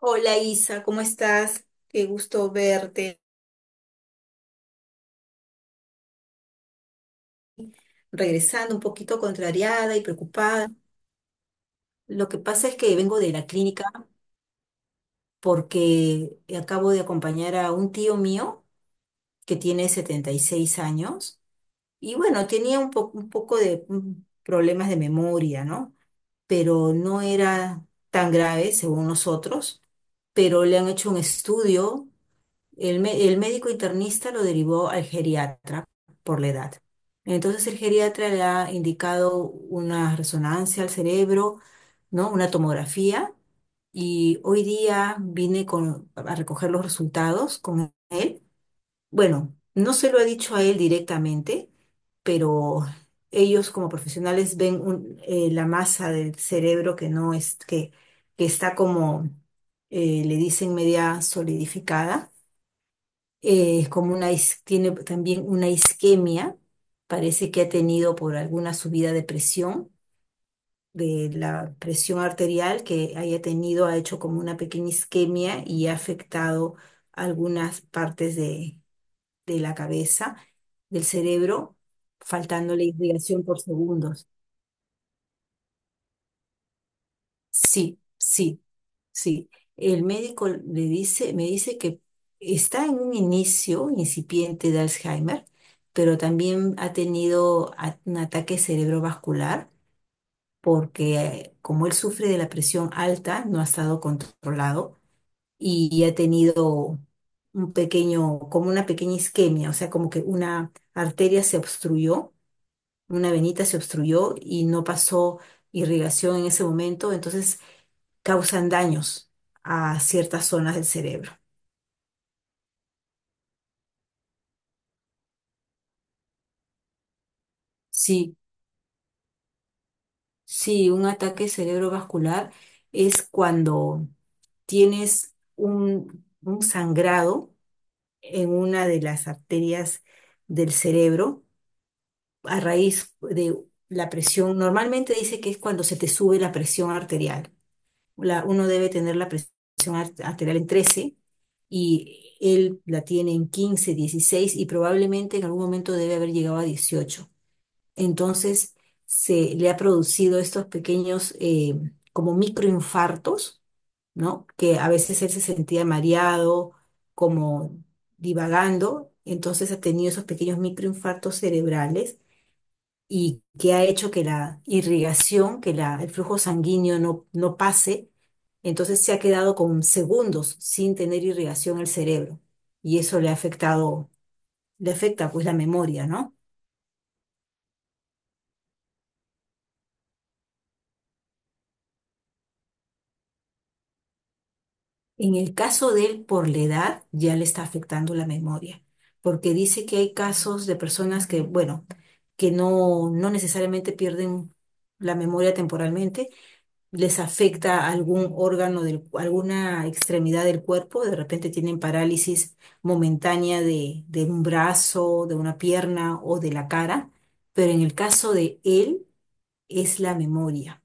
Hola Isa, ¿cómo estás? Qué gusto verte. Regresando un poquito contrariada y preocupada. Lo que pasa es que vengo de la clínica porque acabo de acompañar a un tío mío que tiene 76 años y bueno, tenía un poco de problemas de memoria, ¿no? Pero no era tan grave según nosotros, pero le han hecho un estudio. El médico internista lo derivó al geriatra por la edad. Entonces el geriatra le ha indicado una resonancia al cerebro, ¿no? Una tomografía. Y hoy día vine con, a recoger los resultados con él. Bueno, no se lo he dicho a él directamente, pero ellos como profesionales ven la masa del cerebro que no es, que está como, le dicen, media solidificada, es como tiene también una isquemia, parece que ha tenido por alguna subida de presión, de la presión arterial que haya tenido, ha hecho como una pequeña isquemia y ha afectado algunas partes de la cabeza, del cerebro, faltando la irrigación por segundos. Sí, sí. Sí, el médico le dice, me dice que está en un inicio incipiente de Alzheimer, pero también ha tenido un ataque cerebrovascular porque como él sufre de la presión alta, no ha estado controlado y ha tenido un pequeño, como una pequeña isquemia, o sea, como que una arteria se obstruyó, una venita se obstruyó y no pasó irrigación en ese momento, entonces causan daños a ciertas zonas del cerebro. Sí, sí, un ataque cerebrovascular es cuando tienes un sangrado en una de las arterias del cerebro a raíz de la presión. Normalmente dice que es cuando se te sube la presión arterial. Uno debe tener la presión arterial en 13 y él la tiene en 15, 16 y probablemente en algún momento debe haber llegado a 18. Entonces se le ha producido estos pequeños como microinfartos, ¿no? Que a veces él se sentía mareado, como divagando, entonces ha tenido esos pequeños microinfartos cerebrales y que ha hecho que la irrigación, que la, el flujo sanguíneo no pase, entonces se ha quedado con segundos sin tener irrigación el cerebro y eso le ha afectado, le afecta pues la memoria, ¿no? En el caso de él, por la edad, ya le está afectando la memoria, porque dice que hay casos de personas que, bueno, que no necesariamente pierden la memoria temporalmente, les afecta algún órgano, del, alguna extremidad del cuerpo, de repente tienen parálisis momentánea de un brazo, de una pierna o de la cara, pero en el caso de él es la memoria.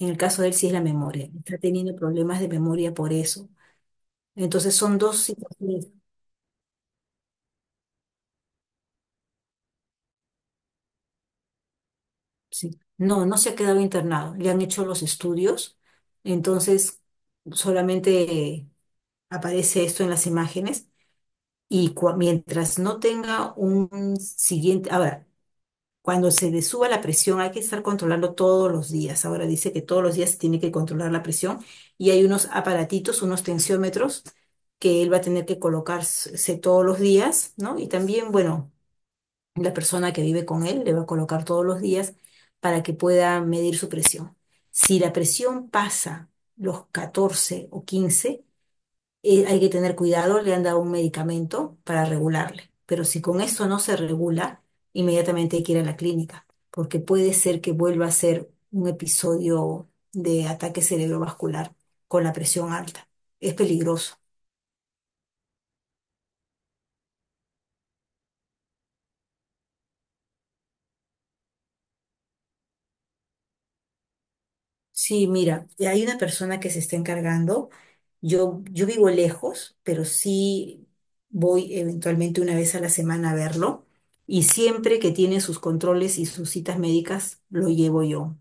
En el caso de él sí es la memoria. Está teniendo problemas de memoria por eso. Entonces son dos situaciones. Sí. No, no se ha quedado internado. Le han hecho los estudios. Entonces solamente aparece esto en las imágenes. Y mientras no tenga un siguiente. Ahora, cuando se le suba la presión hay que estar controlando todos los días. Ahora dice que todos los días se tiene que controlar la presión. Y hay unos aparatitos, unos tensiómetros que él va a tener que colocarse todos los días, ¿no? Y también, bueno, la persona que vive con él le va a colocar todos los días para que pueda medir su presión. Si la presión pasa los 14 o 15, hay que tener cuidado, le han dado un medicamento para regularle. Pero si con eso no se regula, inmediatamente hay que ir a la clínica, porque puede ser que vuelva a ser un episodio de ataque cerebrovascular con la presión alta. Es peligroso. Sí, mira, hay una persona que se está encargando. Yo vivo lejos, pero sí voy eventualmente una vez a la semana a verlo. Y siempre que tiene sus controles y sus citas médicas, lo llevo yo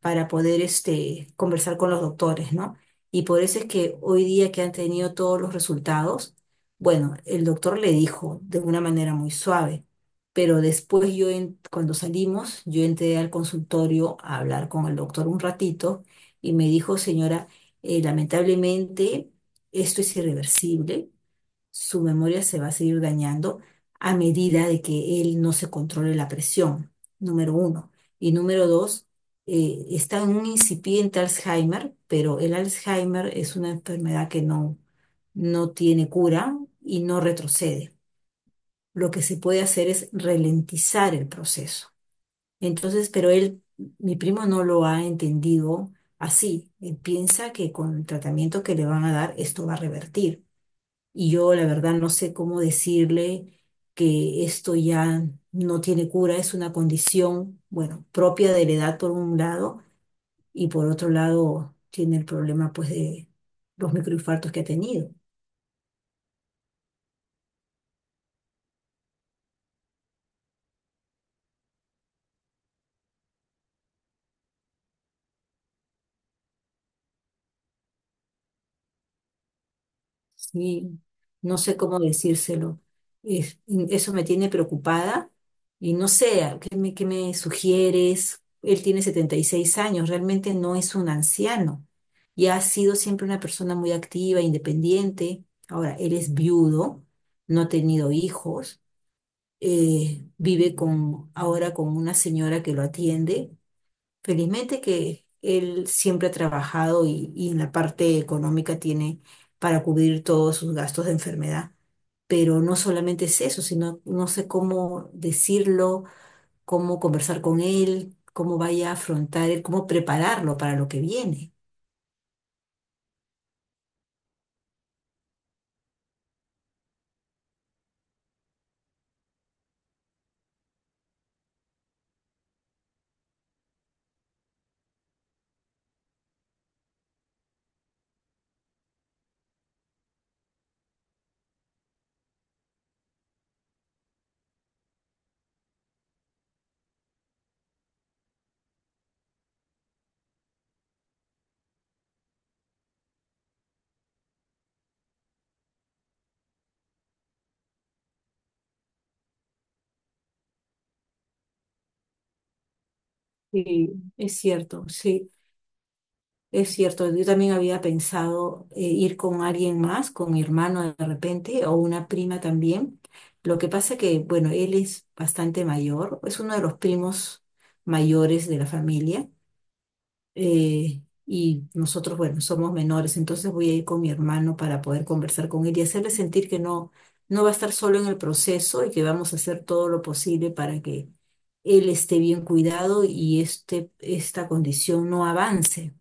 para poder este, conversar con los doctores, ¿no? Y por eso es que hoy día que han tenido todos los resultados, bueno, el doctor le dijo de una manera muy suave, pero después yo, cuando salimos, yo entré al consultorio a hablar con el doctor un ratito y me dijo, señora, lamentablemente esto es irreversible, su memoria se va a seguir dañando a medida de que él no se controle la presión, número uno. Y número dos, está en un incipiente Alzheimer, pero el Alzheimer es una enfermedad que no, no tiene cura y no retrocede. Lo que se puede hacer es ralentizar el proceso. Entonces, pero él, mi primo no lo ha entendido así. Él piensa que con el tratamiento que le van a dar, esto va a revertir. Y yo la verdad no sé cómo decirle que esto ya no tiene cura, es una condición, bueno, propia de la edad por un lado y por otro lado tiene el problema pues de los microinfartos que ha tenido. Sí, no sé cómo decírselo. Eso me tiene preocupada y no sé, ¿qué me sugieres? Él tiene 76 años, realmente no es un anciano y ha sido siempre una persona muy activa, independiente. Ahora, él es viudo, no ha tenido hijos, vive con, ahora con una señora que lo atiende. Felizmente que él siempre ha trabajado y en la parte económica tiene para cubrir todos sus gastos de enfermedad. Pero no solamente es eso, sino no sé cómo decirlo, cómo conversar con él, cómo vaya a afrontar él, cómo prepararlo para lo que viene. Sí. Es cierto, yo también había pensado ir con alguien más, con mi hermano de repente, o una prima también. Lo que pasa que, bueno, él es bastante mayor, es uno de los primos mayores de la familia, y nosotros, bueno, somos menores, entonces voy a ir con mi hermano para poder conversar con él y hacerle sentir que no, no va a estar solo en el proceso y que vamos a hacer todo lo posible para que él esté bien cuidado y este, esta condición no avance,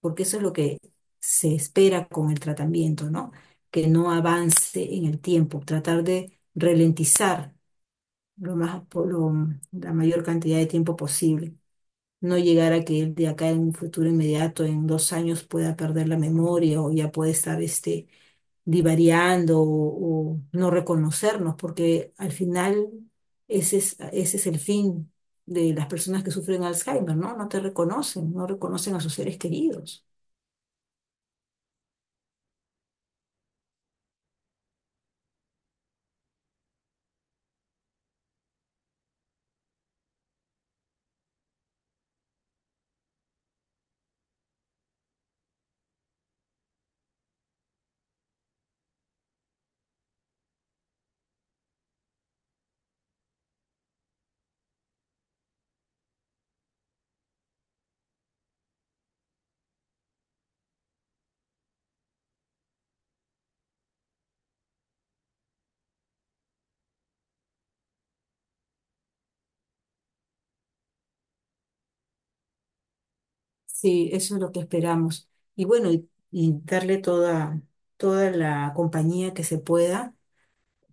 porque eso es lo que se espera con el tratamiento, ¿no? Que no avance en el tiempo, tratar de ralentizar lo más, la mayor cantidad de tiempo posible, no llegar a que él de acá en un futuro inmediato, en 2 años, pueda perder la memoria o ya puede estar este, divariando o no reconocernos, porque al final ese es el fin de las personas que sufren Alzheimer, ¿no? No te reconocen, no reconocen a sus seres queridos. Sí, eso es lo que esperamos. Y bueno, y darle toda, toda la compañía que se pueda,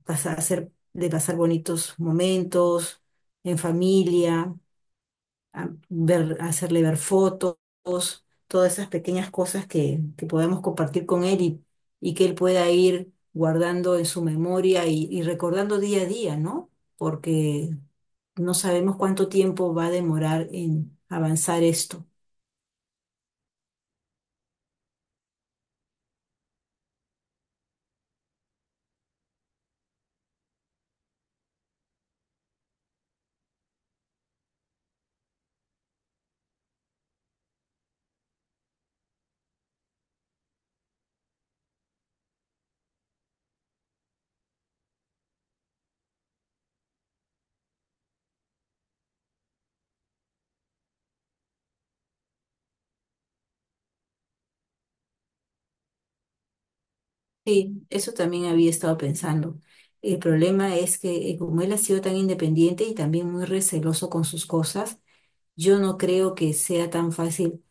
pasar, hacer, de pasar bonitos momentos en familia, a ver, hacerle ver fotos, todas esas pequeñas cosas que podemos compartir con él y que él pueda ir guardando en su memoria y recordando día a día, ¿no? Porque no sabemos cuánto tiempo va a demorar en avanzar esto. Sí, eso también había estado pensando. El problema es que como él ha sido tan independiente y también muy receloso con sus cosas, yo no creo que sea tan fácil,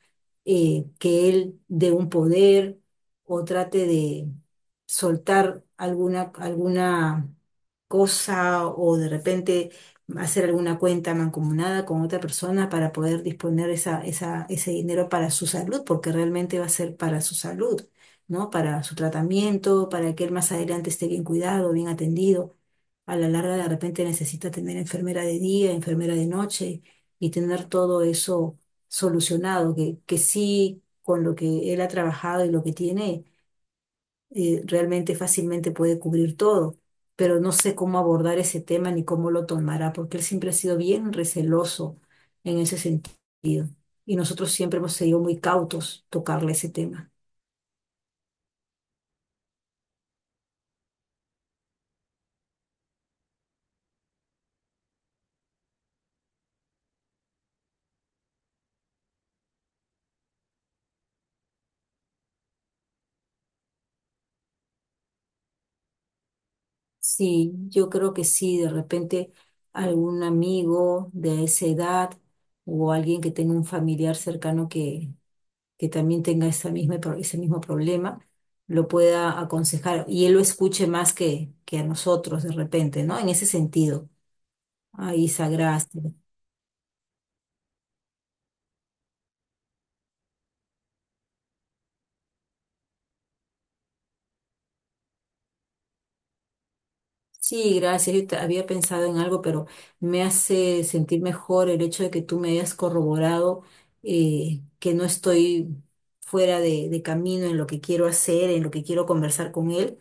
que él dé un poder o trate de soltar alguna, alguna cosa o de repente hacer alguna cuenta mancomunada con otra persona para poder disponer esa, esa, ese dinero para su salud, porque realmente va a ser para su salud, ¿no? Para su tratamiento, para que él más adelante esté bien cuidado, bien atendido. A la larga de repente necesita tener enfermera de día, enfermera de noche y tener todo eso solucionado, que sí, con lo que él ha trabajado y lo que tiene, realmente fácilmente puede cubrir todo. Pero no sé cómo abordar ese tema ni cómo lo tomará, porque él siempre ha sido bien receloso en ese sentido. Y nosotros siempre hemos sido muy cautos tocarle ese tema. Sí, yo creo que sí, de repente algún amigo de esa edad o alguien que tenga un familiar cercano que también tenga esa misma, ese mismo problema, lo pueda aconsejar y él lo escuche más que a nosotros de repente, ¿no? En ese sentido. Ay, Isa, gracias. Sí, gracias. Yo había pensado en algo, pero me hace sentir mejor el hecho de que tú me hayas corroborado, que no estoy fuera de camino en lo que quiero hacer, en lo que quiero conversar con él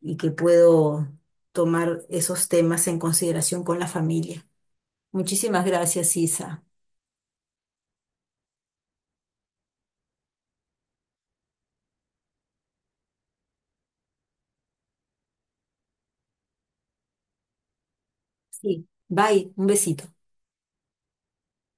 y que puedo tomar esos temas en consideración con la familia. Muchísimas gracias, Isa. Sí. Bye, un besito.